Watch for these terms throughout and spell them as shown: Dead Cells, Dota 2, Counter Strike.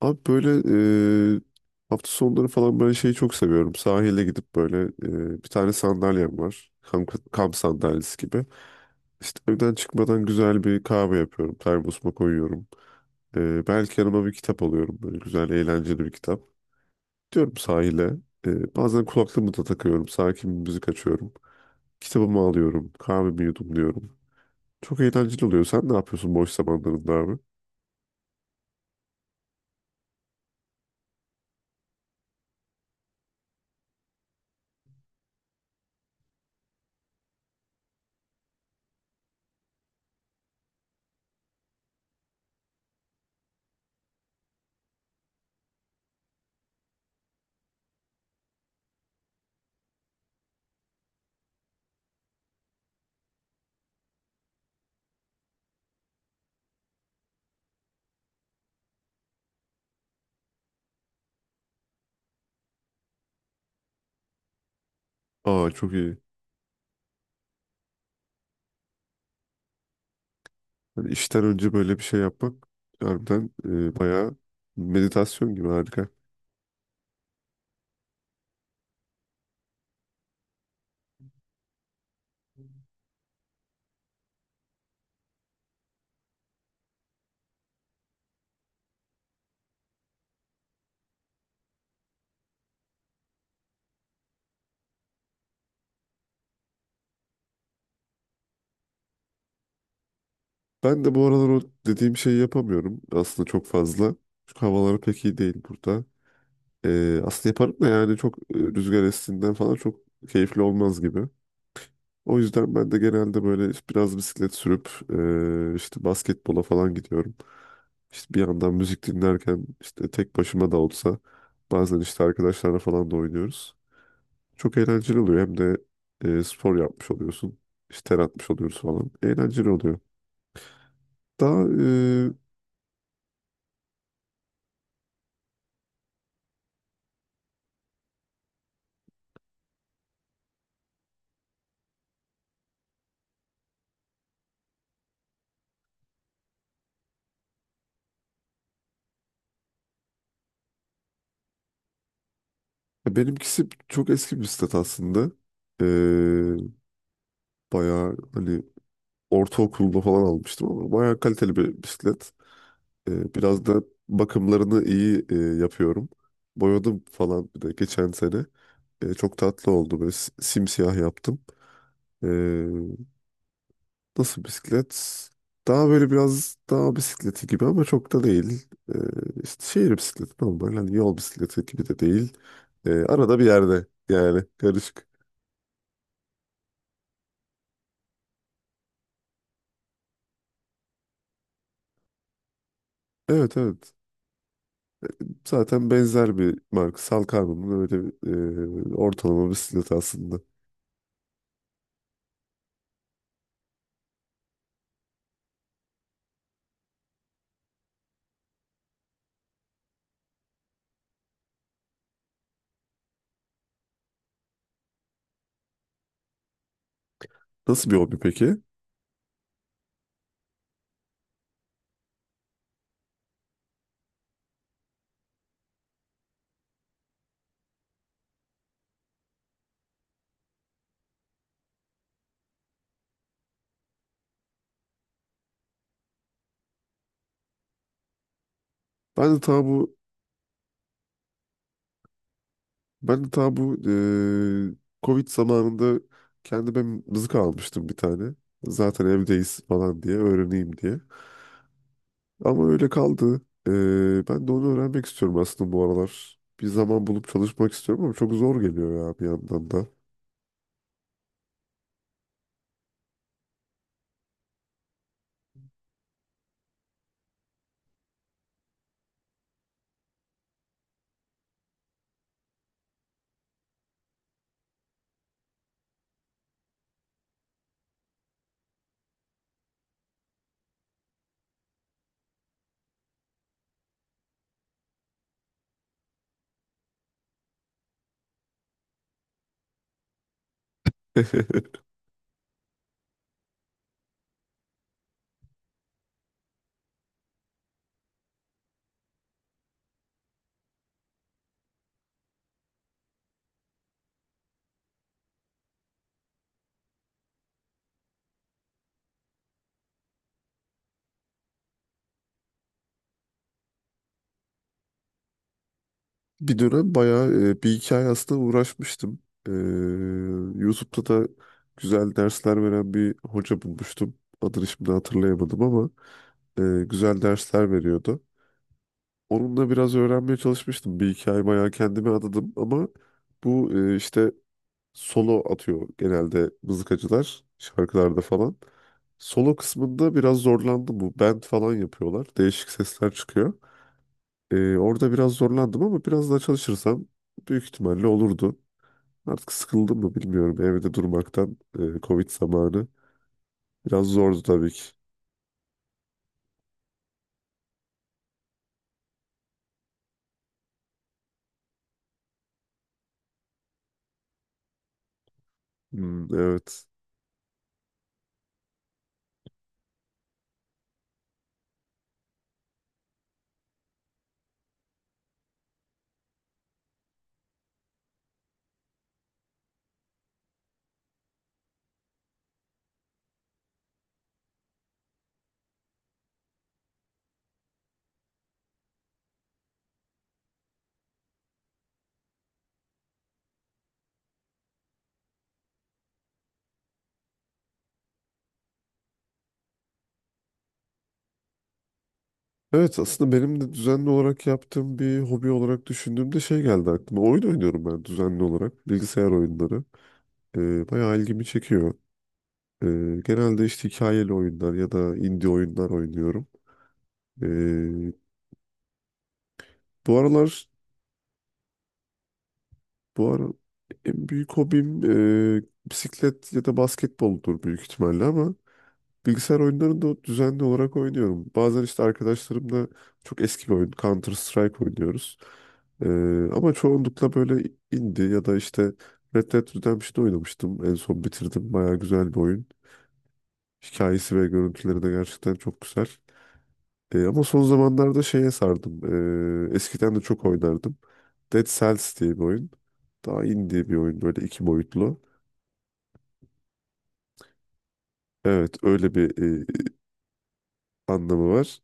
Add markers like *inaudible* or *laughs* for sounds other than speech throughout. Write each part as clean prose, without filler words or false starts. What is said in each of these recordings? Abi böyle e, hafta sonları falan ben şeyi çok seviyorum. Sahile gidip böyle bir tane sandalyem var. Kamp, kamp sandalyesi gibi. İşte evden çıkmadan güzel bir kahve yapıyorum. Termosuma koyuyorum. Belki yanıma bir kitap alıyorum. Böyle güzel eğlenceli bir kitap. Diyorum sahile. Bazen kulaklığımı da takıyorum. Sakin bir müzik açıyorum. Kitabımı alıyorum. Kahvemi yudumluyorum. Çok eğlenceli oluyor. Sen ne yapıyorsun boş zamanlarında abi? Aa, çok iyi. Yani işten önce böyle bir şey yapmak harbiden bayağı meditasyon gibi harika. Ben de bu aralar o dediğim şeyi yapamıyorum aslında çok fazla. Çünkü havalar pek iyi değil burada. Aslında yaparım da yani çok rüzgar estiğinden falan çok keyifli olmaz gibi. O yüzden ben de genelde böyle işte biraz bisiklet sürüp işte basketbola falan gidiyorum. İşte bir yandan müzik dinlerken işte tek başıma da olsa bazen işte arkadaşlarla falan da oynuyoruz. Çok eğlenceli oluyor. Hem de spor yapmış oluyorsun. İşte ter atmış oluyoruz falan. Eğlenceli oluyor. Daha Benimkisi çok eski bir bisiklet aslında. E, Bayağı hani ortaokulda falan almıştım ama bayağı kaliteli bir bisiklet. Biraz da bakımlarını iyi yapıyorum. Boyadım falan bir de geçen sene. Çok tatlı oldu. Böyle simsiyah yaptım. E, Nasıl bisiklet? Daha böyle biraz daha bisikleti gibi ama çok da değil. Ee, işte şehir bisikleti normal. Hani yol bisikleti gibi de değil. Arada bir yerde yani karışık. Evet, evet. Zaten benzer bir marka. Salkarma'nın öyle bir, ortalama bisikleti aslında. Nasıl bir hobi peki? Ben de ta bu ben de ta bu e, Covid zamanında kendime mızık almıştım bir tane. Zaten evdeyiz falan diye öğreneyim diye. Ama öyle kaldı. Ben de onu öğrenmek istiyorum aslında bu aralar. Bir zaman bulup çalışmak istiyorum ama çok zor geliyor ya bir yandan da. *laughs* Bir dönem bayağı bir iki ay aslında uğraşmıştım. Ee, YouTube'da da güzel dersler veren bir hoca bulmuştum. Adını şimdi hatırlayamadım ama güzel dersler veriyordu. Onunla biraz öğrenmeye çalışmıştım. Bir iki ay bayağı kendimi adadım ama bu işte solo atıyor genelde mızıkacılar şarkılarda falan. Solo kısmında biraz zorlandım bu. Band falan yapıyorlar. Değişik sesler çıkıyor. Orada biraz zorlandım ama biraz daha çalışırsam büyük ihtimalle olurdu. Artık sıkıldım mı bilmiyorum. Evde durmaktan Covid zamanı biraz zordu tabii ki. Hmm, evet. Evet, aslında benim de düzenli olarak yaptığım bir hobi olarak düşündüğümde şey geldi aklıma. Oyun oynuyorum ben düzenli olarak. Bilgisayar oyunları. Bayağı ilgimi çekiyor. Ee, Genelde işte hikayeli oyunlar ya da indie oyunlar oynuyorum. Ee, Bu aralar bu ara en büyük hobim bisiklet ya da basketboldur büyük ihtimalle ama bilgisayar oyunlarını da düzenli olarak oynuyorum. Bazen işte arkadaşlarımla çok eski bir oyun Counter Strike oynuyoruz. E, Ama çoğunlukla böyle indie ya da işte Red Dead Redemption'ı oynamıştım. En son bitirdim. Bayağı güzel bir oyun. Hikayesi ve görüntüleri de gerçekten çok güzel. Ama son zamanlarda şeye sardım. Eskiden de çok oynardım. Dead Cells diye bir oyun. Daha indie bir oyun böyle iki boyutlu. Evet, öyle bir anlamı var.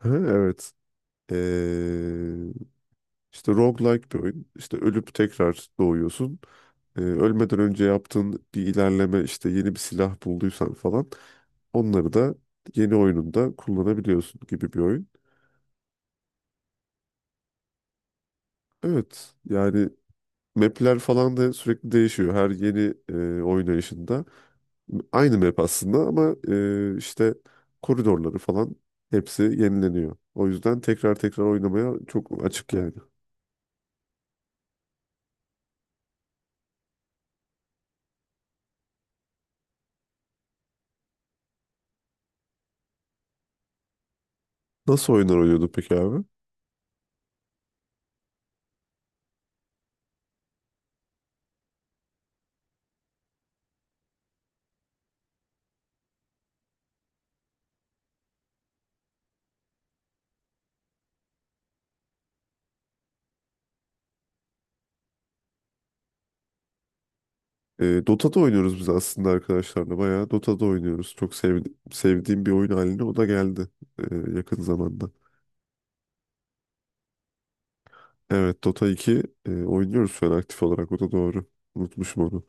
Ha, evet. E, işte roguelike bir oyun. İşte ölüp tekrar doğuyorsun. Ölmeden önce yaptığın bir ilerleme işte yeni bir silah bulduysan falan onları da yeni oyununda kullanabiliyorsun gibi bir oyun. Evet yani Map'ler falan da sürekli değişiyor. Her yeni oynayışında aynı map aslında ama işte koridorları falan hepsi yenileniyor. O yüzden tekrar tekrar oynamaya çok açık yani. Nasıl oyunlar oynuyorduk peki abi? Dota'da oynuyoruz biz aslında arkadaşlarla. Bayağı Dota'da oynuyoruz. Sevdiğim bir oyun haline o da geldi yakın zamanda. Evet, Dota 2 oynuyoruz şu an aktif olarak. O da doğru. Unutmuşum onu.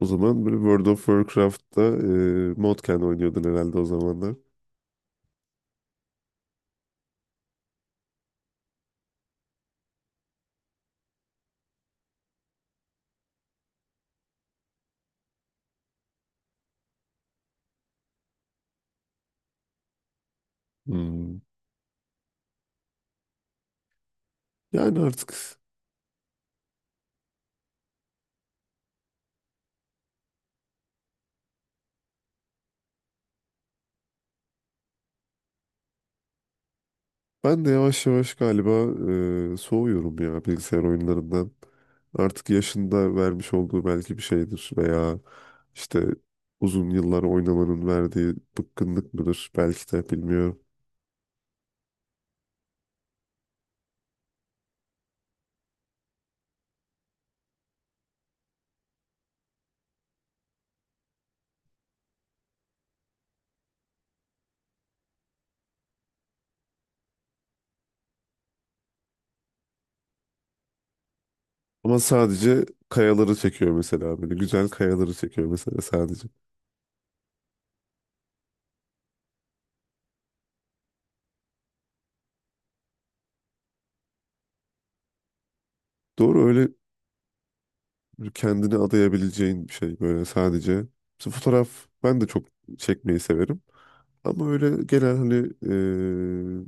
O zaman böyle World of Warcraft'ta Modken oynuyordun herhalde o zamanlar. Hmm. Yani artık ben de yavaş yavaş galiba soğuyorum ya bilgisayar oyunlarından. Artık yaşında vermiş olduğu belki bir şeydir veya işte uzun yıllar oynamanın verdiği bıkkınlık mıdır belki de bilmiyorum. Ama sadece kayaları çekiyor mesela böyle güzel kayaları çekiyor mesela sadece. Doğru öyle. Böyle kendini adayabileceğin bir şey böyle sadece. Mesela fotoğraf ben de çok çekmeyi severim. Ama öyle genel hani eee,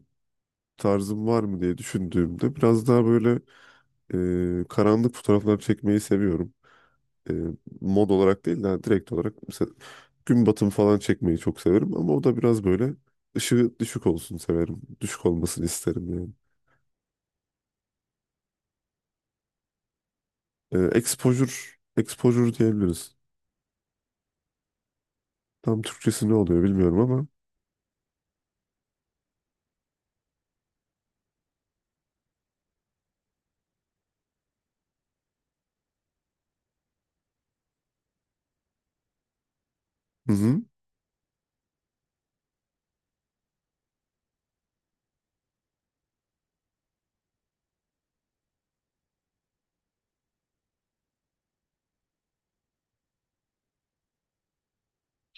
tarzım var mı diye düşündüğümde biraz daha böyle karanlık fotoğraflar çekmeyi seviyorum. Eee, Mod olarak değil de hani direkt olarak mesela gün batımı falan çekmeyi çok severim ama o da biraz böyle ışığı düşük olsun severim. Düşük olmasını isterim yani. Exposure, exposure diyebiliriz. Tam Türkçesi ne oluyor bilmiyorum ama. Hı hı.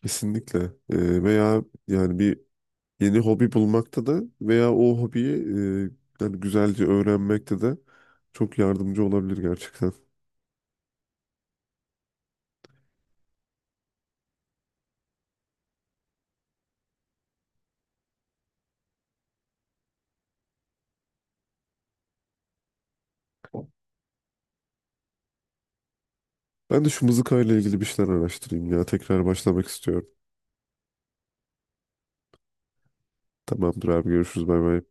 Kesinlikle. Veya yani bir yeni hobi bulmakta da veya o hobiyi yani güzelce öğrenmekte de çok yardımcı olabilir gerçekten. Ben de şu mızıkayla ilgili bir şeyler araştırayım ya. Tekrar başlamak istiyorum. Tamamdır abi, görüşürüz, bay bay.